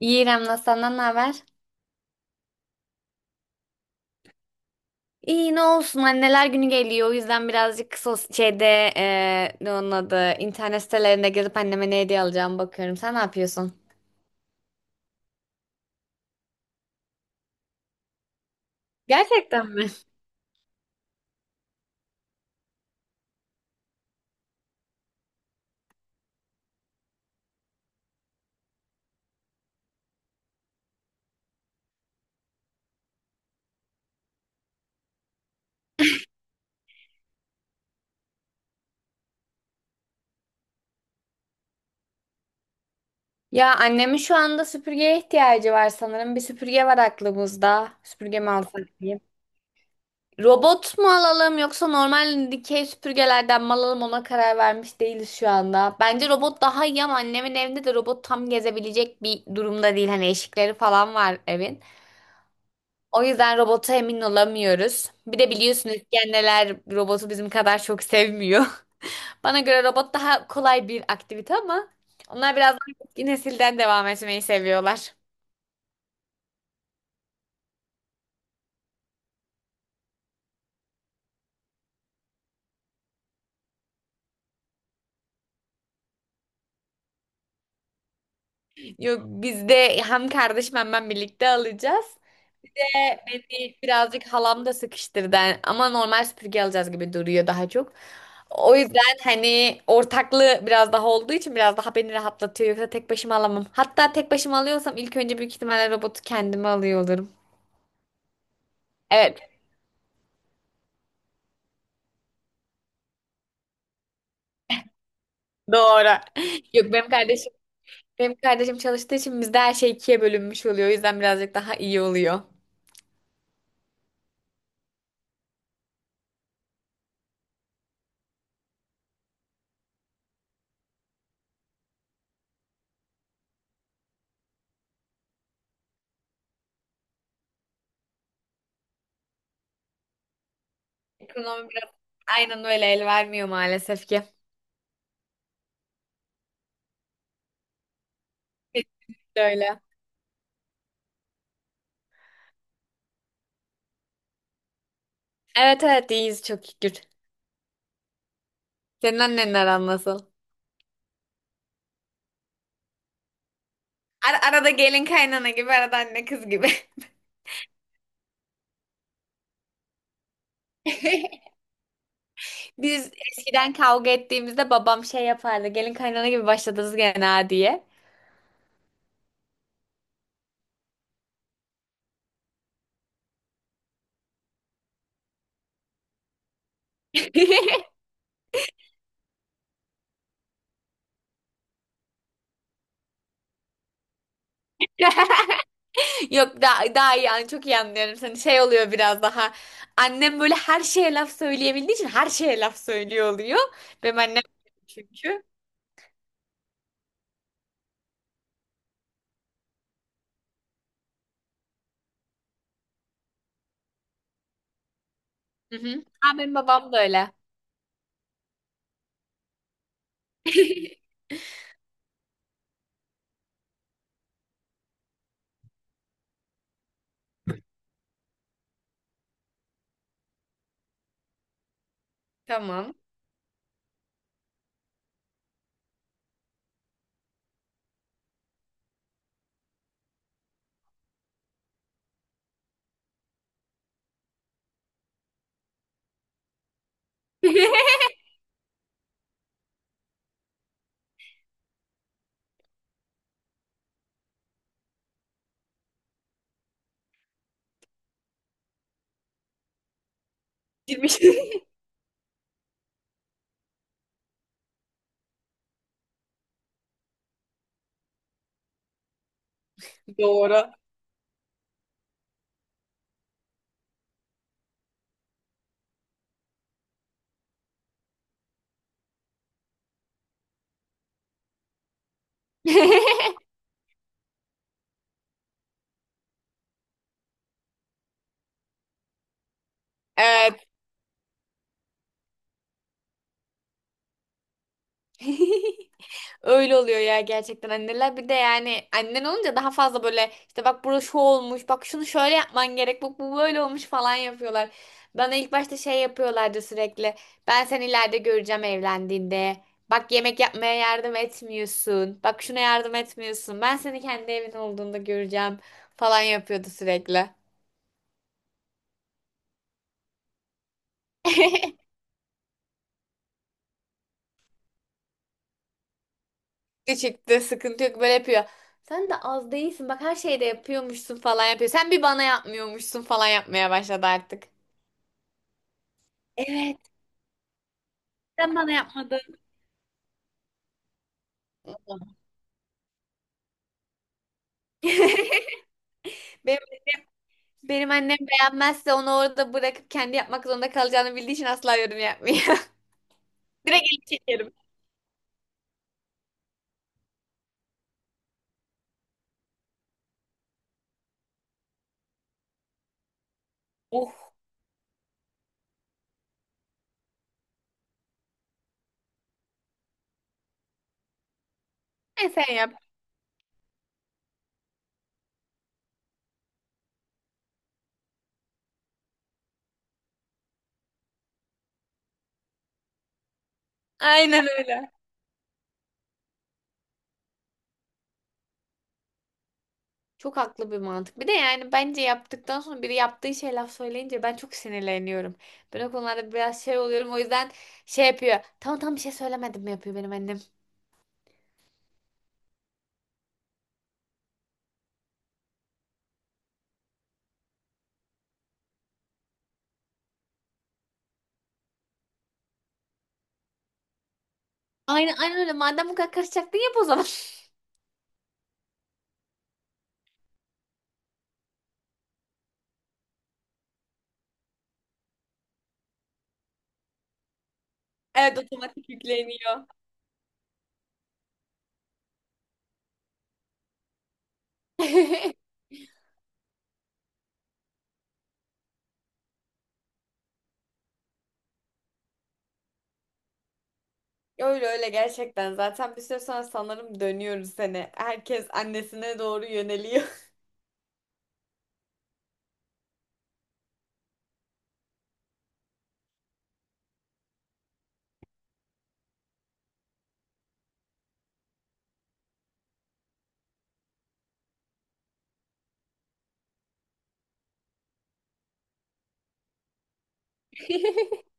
İyi İrem'le senden ne haber? İyi ne olsun anneler günü geliyor o yüzden birazcık sos şeyde ne onun adı internet sitelerinde gezip anneme ne hediye alacağımı bakıyorum. Sen ne yapıyorsun? Gerçekten mi? Ya annemin şu anda süpürgeye ihtiyacı var sanırım. Bir süpürge var aklımızda. Süpürge mi alsak diyeyim. Robot mu alalım yoksa normal dikey süpürgelerden mi alalım ona karar vermiş değiliz şu anda. Bence robot daha iyi ama annemin evinde de robot tam gezebilecek bir durumda değil. Hani eşikleri falan var evin. O yüzden robota emin olamıyoruz. Bir de biliyorsunuz İskender robotu bizim kadar çok sevmiyor. Bana göre robot daha kolay bir aktivite ama onlar biraz daha eski nesilden devam etmeyi seviyorlar. Yok biz de hem kardeşim hem ben birlikte alacağız. Ve beni birazcık halam da sıkıştırdı ama normal süpürge alacağız gibi duruyor daha çok. O yüzden hani ortaklığı biraz daha olduğu için biraz daha beni rahatlatıyor. Yoksa tek başıma alamam. Hatta tek başıma alıyorsam ilk önce büyük ihtimalle robotu kendime alıyor olurum. Evet, doğru. Yok benim kardeşim çalıştığı için bizde her şey ikiye bölünmüş oluyor. O yüzden birazcık daha iyi oluyor. Ekonomi biraz aynen öyle el vermiyor maalesef ki. Kesinlikle öyle. Evet evet iyiyiz çok şükür. Senin annenin aran nasıl? Arada gelin kaynana gibi, arada anne kız gibi. Biz eskiden kavga ettiğimizde babam şey yapardı. Gelin kaynana gibi başladınız gene ha diye. Yok daha iyi çok iyi anlıyorum seni. Şey oluyor biraz daha. Annem böyle her şeye laf söyleyebildiği için her şeye laf söylüyor oluyor. Benim annem öyle çünkü. Hı hı. Ha, benim babam da öyle. Tamam. Girmiş. Doğru. Evet. Öyle oluyor ya gerçekten anneler bir de yani annen olunca daha fazla böyle işte bak burası şu olmuş bak şunu şöyle yapman gerek bak bu böyle olmuş falan yapıyorlar. Bana ilk başta şey yapıyorlardı sürekli ben seni ileride göreceğim evlendiğinde bak yemek yapmaya yardım etmiyorsun bak şuna yardım etmiyorsun ben seni kendi evin olduğunda göreceğim falan yapıyordu sürekli. Küçüktü sıkıntı yok böyle yapıyor. Sen de az değilsin bak her şeyde yapıyormuşsun falan yapıyor. Sen bir bana yapmıyormuşsun falan yapmaya başladı artık. Evet. Sen bana yapmadın. Benim, Benim annem beğenmezse onu orada bırakıp kendi yapmak zorunda kalacağını bildiği için asla yorum yapmıyor. Direkt elini çekerim. Oh. E sen yap. Aynen öyle. Çok haklı bir mantık. Bir de yani bence yaptıktan sonra biri yaptığı şey laf söyleyince ben çok sinirleniyorum. Ben o konularda biraz şey oluyorum. O yüzden şey yapıyor. Tamam tamam bir şey söylemedim yapıyor benim annem. Aynen aynen öyle. Madem bu kadar karışacaktın yap o zaman. Evet otomatik yükleniyor. Öyle öyle gerçekten. Zaten bir süre sonra sanırım dönüyoruz seni. Herkes annesine doğru yöneliyor.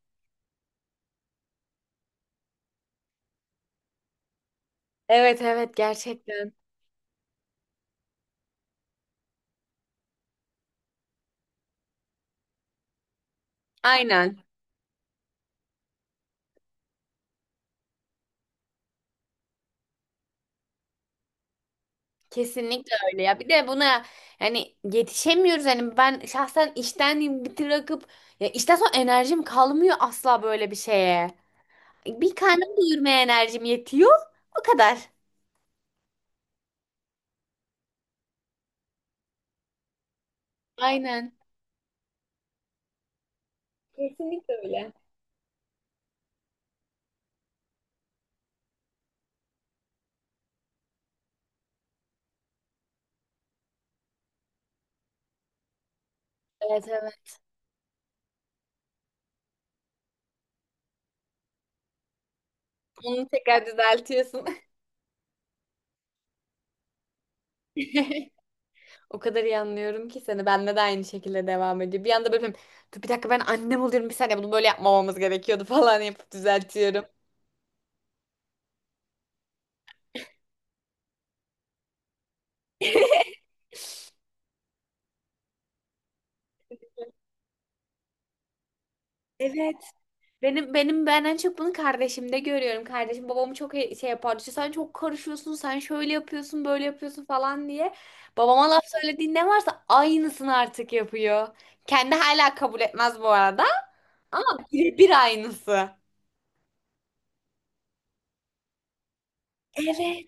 Evet evet gerçekten. Aynen. Kesinlikle öyle ya. Bir de buna yani yetişemiyoruz. Hani ben şahsen işten bırakıp ya işten sonra enerjim kalmıyor asla böyle bir şeye. Bir karnım doyurmaya enerjim yetiyor. O kadar. Aynen. Kesinlikle öyle. Evet evet. Onu tekrar düzeltiyorsun. O kadar iyi anlıyorum ki seni. Bende de aynı şekilde devam ediyor. Bir anda böyle yapıyorum, dur bir dakika ben annem oluyorum. Bir saniye bunu böyle yapmamamız gerekiyordu falan yapıp düzeltiyorum. Evet. Ben en çok bunu kardeşimde görüyorum. Kardeşim babamı çok şey yapardı. İşte sen çok karışıyorsun, sen şöyle yapıyorsun, böyle yapıyorsun falan diye. Babama laf söylediğin ne varsa aynısını artık yapıyor. Kendi hala kabul etmez bu arada ama birebir aynısı. Evet.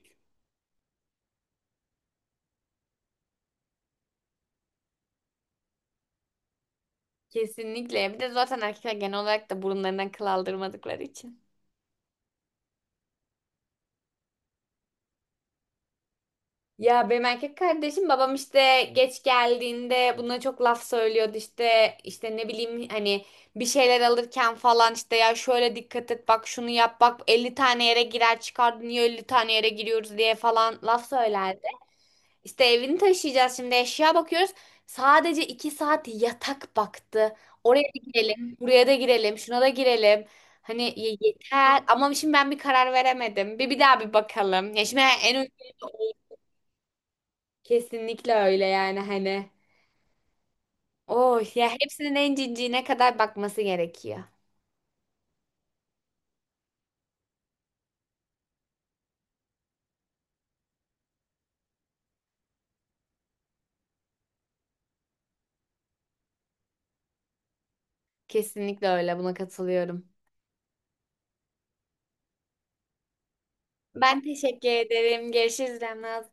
Kesinlikle. Bir de zaten erkekler genel olarak da burunlarından kıl aldırmadıkları için. Ya benim erkek kardeşim babam işte geç geldiğinde buna çok laf söylüyordu işte ne bileyim hani bir şeyler alırken falan işte ya şöyle dikkat et bak şunu yap bak 50 tane yere girer çıkar niye 50 tane yere giriyoruz diye falan laf söylerdi. İşte evini taşıyacağız şimdi eşya bakıyoruz sadece 2 saat yatak baktı oraya da girelim buraya da girelim şuna da girelim. Hani yeter ama şimdi ben bir karar veremedim. Bir daha bir bakalım. Ya şimdi en uygun. Kesinlikle öyle yani hani. Oh ya hepsinin en cinciğine kadar bakması gerekiyor. Kesinlikle öyle buna katılıyorum. Ben teşekkür ederim. Görüşürüz Remnaz.